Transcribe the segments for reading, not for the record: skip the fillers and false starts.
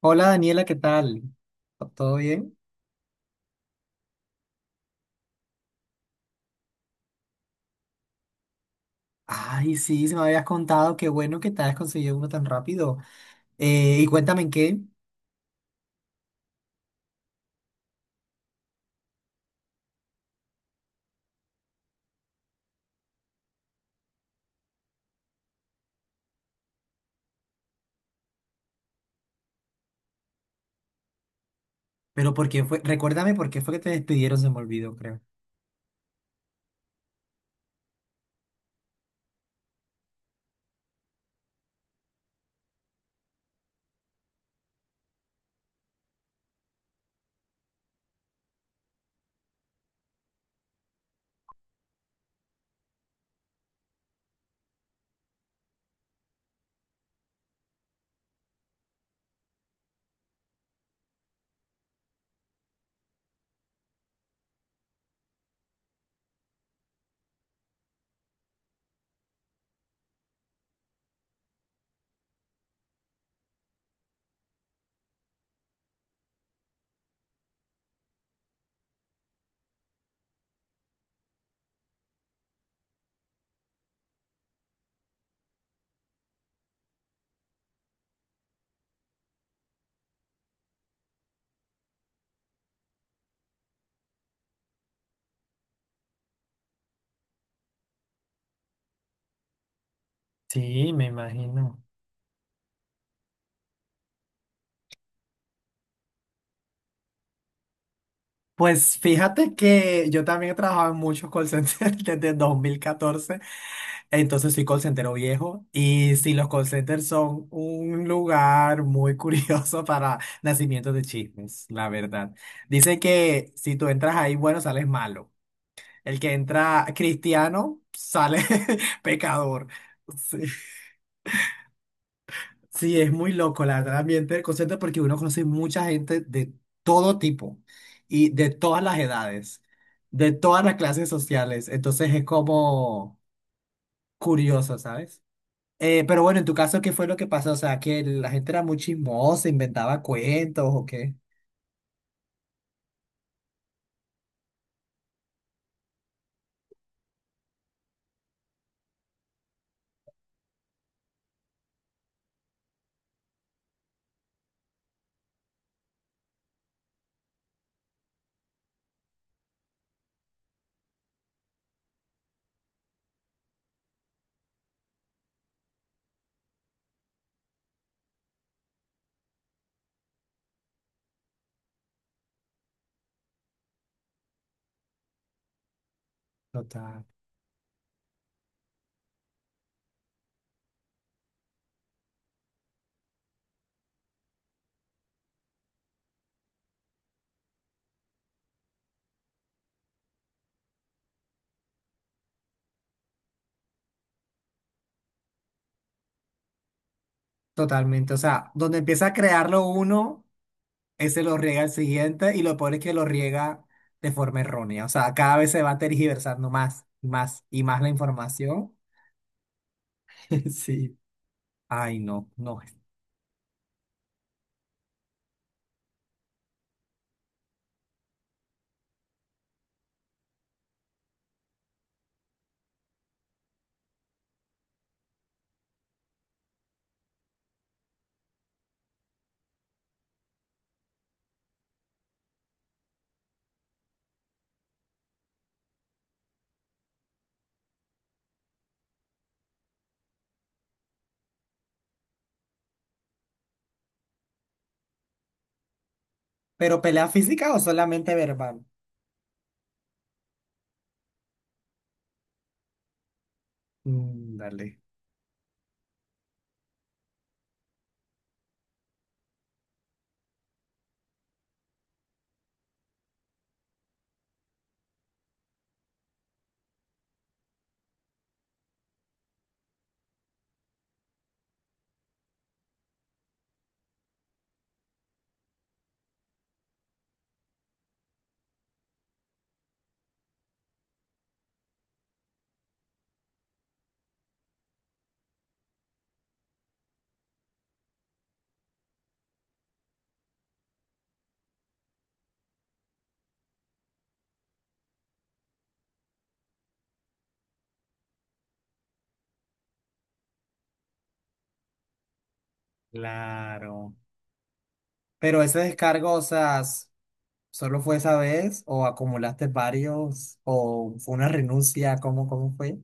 Hola Daniela, ¿qué tal? ¿Todo bien? Ay, sí, se me habías contado, qué bueno que te hayas conseguido uno tan rápido. Y cuéntame en qué, pero por qué fue, recuérdame por qué fue que te despidieron, se me olvidó, creo. Sí, me imagino. Pues fíjate que yo también he trabajado en muchos call centers desde 2014, entonces soy call centero viejo y sí, los call centers son un lugar muy curioso para nacimientos de chismes, la verdad. Dice que si tú entras ahí, bueno, sales malo. El que entra cristiano sale pecador. Sí. Sí, es muy loco, la verdad, el ambiente del concierto, porque uno conoce mucha gente de todo tipo y de todas las edades, de todas las clases sociales. Entonces es como curioso, ¿sabes? Pero bueno, en tu caso, ¿qué fue lo que pasó? O sea, que la gente era muy chismosa, inventaba cuentos o qué. Total. Totalmente. O sea, donde empieza a crearlo uno. Ese lo riega el siguiente y lo peor es que lo riega de forma errónea. O sea, cada vez se va tergiversando más, más y más la información. Sí. Ay, no, no. ¿Pero pelea física o solamente verbal? Mm, dale. Claro. Pero ese descargo, o sea, ¿solo fue esa vez o acumulaste varios o fue una renuncia? ¿Cómo, cómo fue?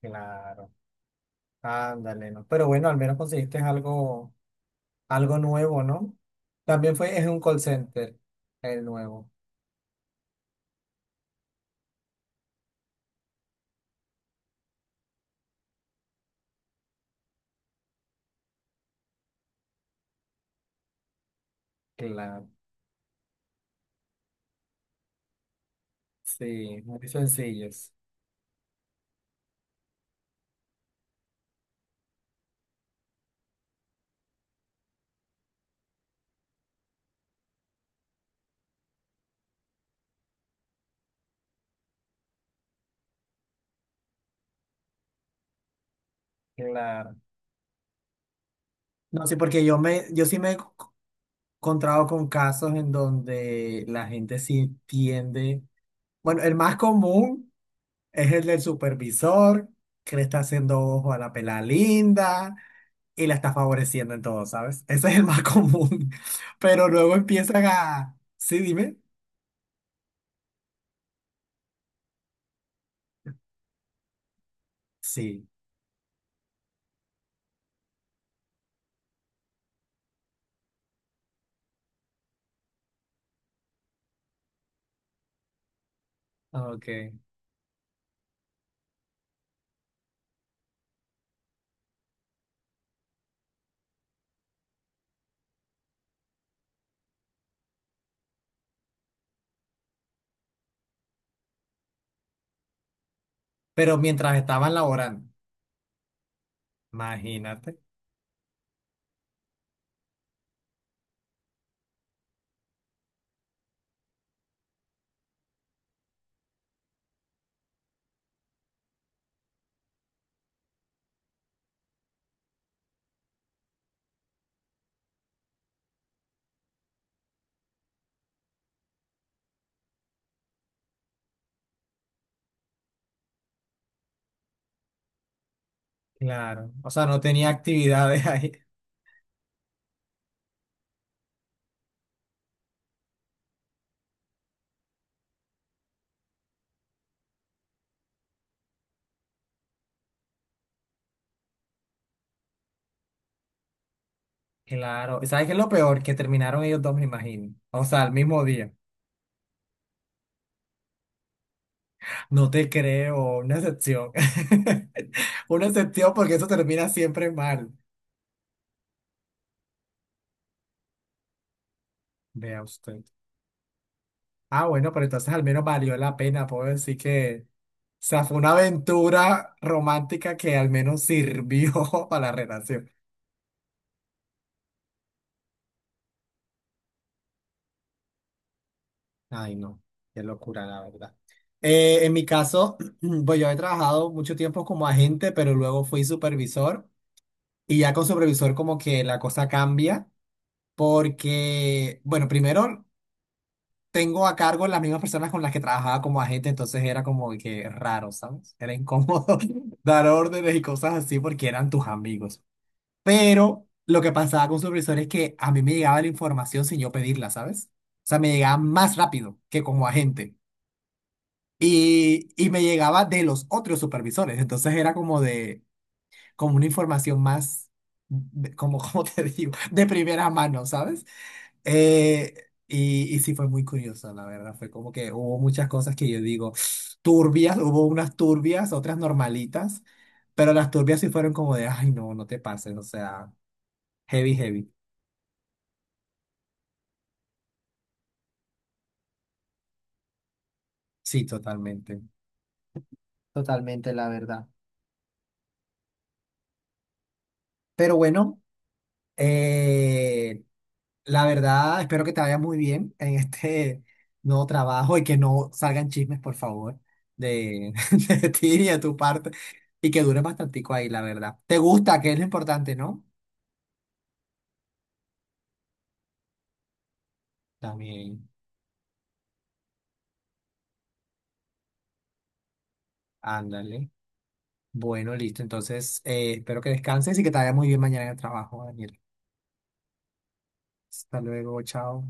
Claro. Ándale, no. Pero bueno, al menos conseguiste algo. Algo nuevo, ¿no? También fue, es un call center, el nuevo. Claro, sí, muy sencillos. Claro. No, sí, porque yo sí encontrado con casos en donde la gente sí tiende. Bueno, el más común es el del supervisor, que le está haciendo ojo a la pela linda y la está favoreciendo en todo, ¿sabes? Ese es el más común. Pero luego empiezan a. Sí, dime. Sí. Ok. Pero mientras estaban laborando, imagínate, claro, o sea, no tenía actividades ahí, claro. ¿Y ¿sabes qué es lo peor? Que terminaron ellos dos, me imagino, o sea, al mismo día, no te creo, una excepción, una excepción porque eso termina siempre mal, vea usted, ah, bueno, pero entonces al menos valió la pena, puedo decir que, o sea, fue una aventura romántica que al menos sirvió para la relación. Ay, no, qué locura, la verdad. En mi caso, pues yo he trabajado mucho tiempo como agente, pero luego fui supervisor y ya con supervisor como que la cosa cambia porque, bueno, primero tengo a cargo las mismas personas con las que trabajaba como agente, entonces era como que raro, ¿sabes? Era incómodo dar órdenes y cosas así porque eran tus amigos. Pero lo que pasaba con supervisor es que a mí me llegaba la información sin yo pedirla, ¿sabes? O sea, me llegaba más rápido que como agente. Y me llegaba de los otros supervisores. Entonces era como de, como una información más, como, como te digo, de primera mano, ¿sabes? Eh, y sí fue muy curioso, la verdad. Fue como que hubo muchas cosas que yo digo turbias, hubo unas turbias, otras normalitas, pero las turbias sí fueron como de, ay, no, no te pases, o sea, heavy, heavy. Sí, totalmente, totalmente, la verdad. Pero bueno, eh, la verdad, espero que te vaya muy bien en este nuevo trabajo y que no salgan chismes, por favor, de, de ti y de tu parte y que dure bastantico ahí, la verdad. ¿Te gusta? Que es lo importante, ¿no? También, ándale. Bueno, listo. Entonces, espero que descanses y que te vaya muy bien mañana en el trabajo, Daniel. Hasta luego, chao.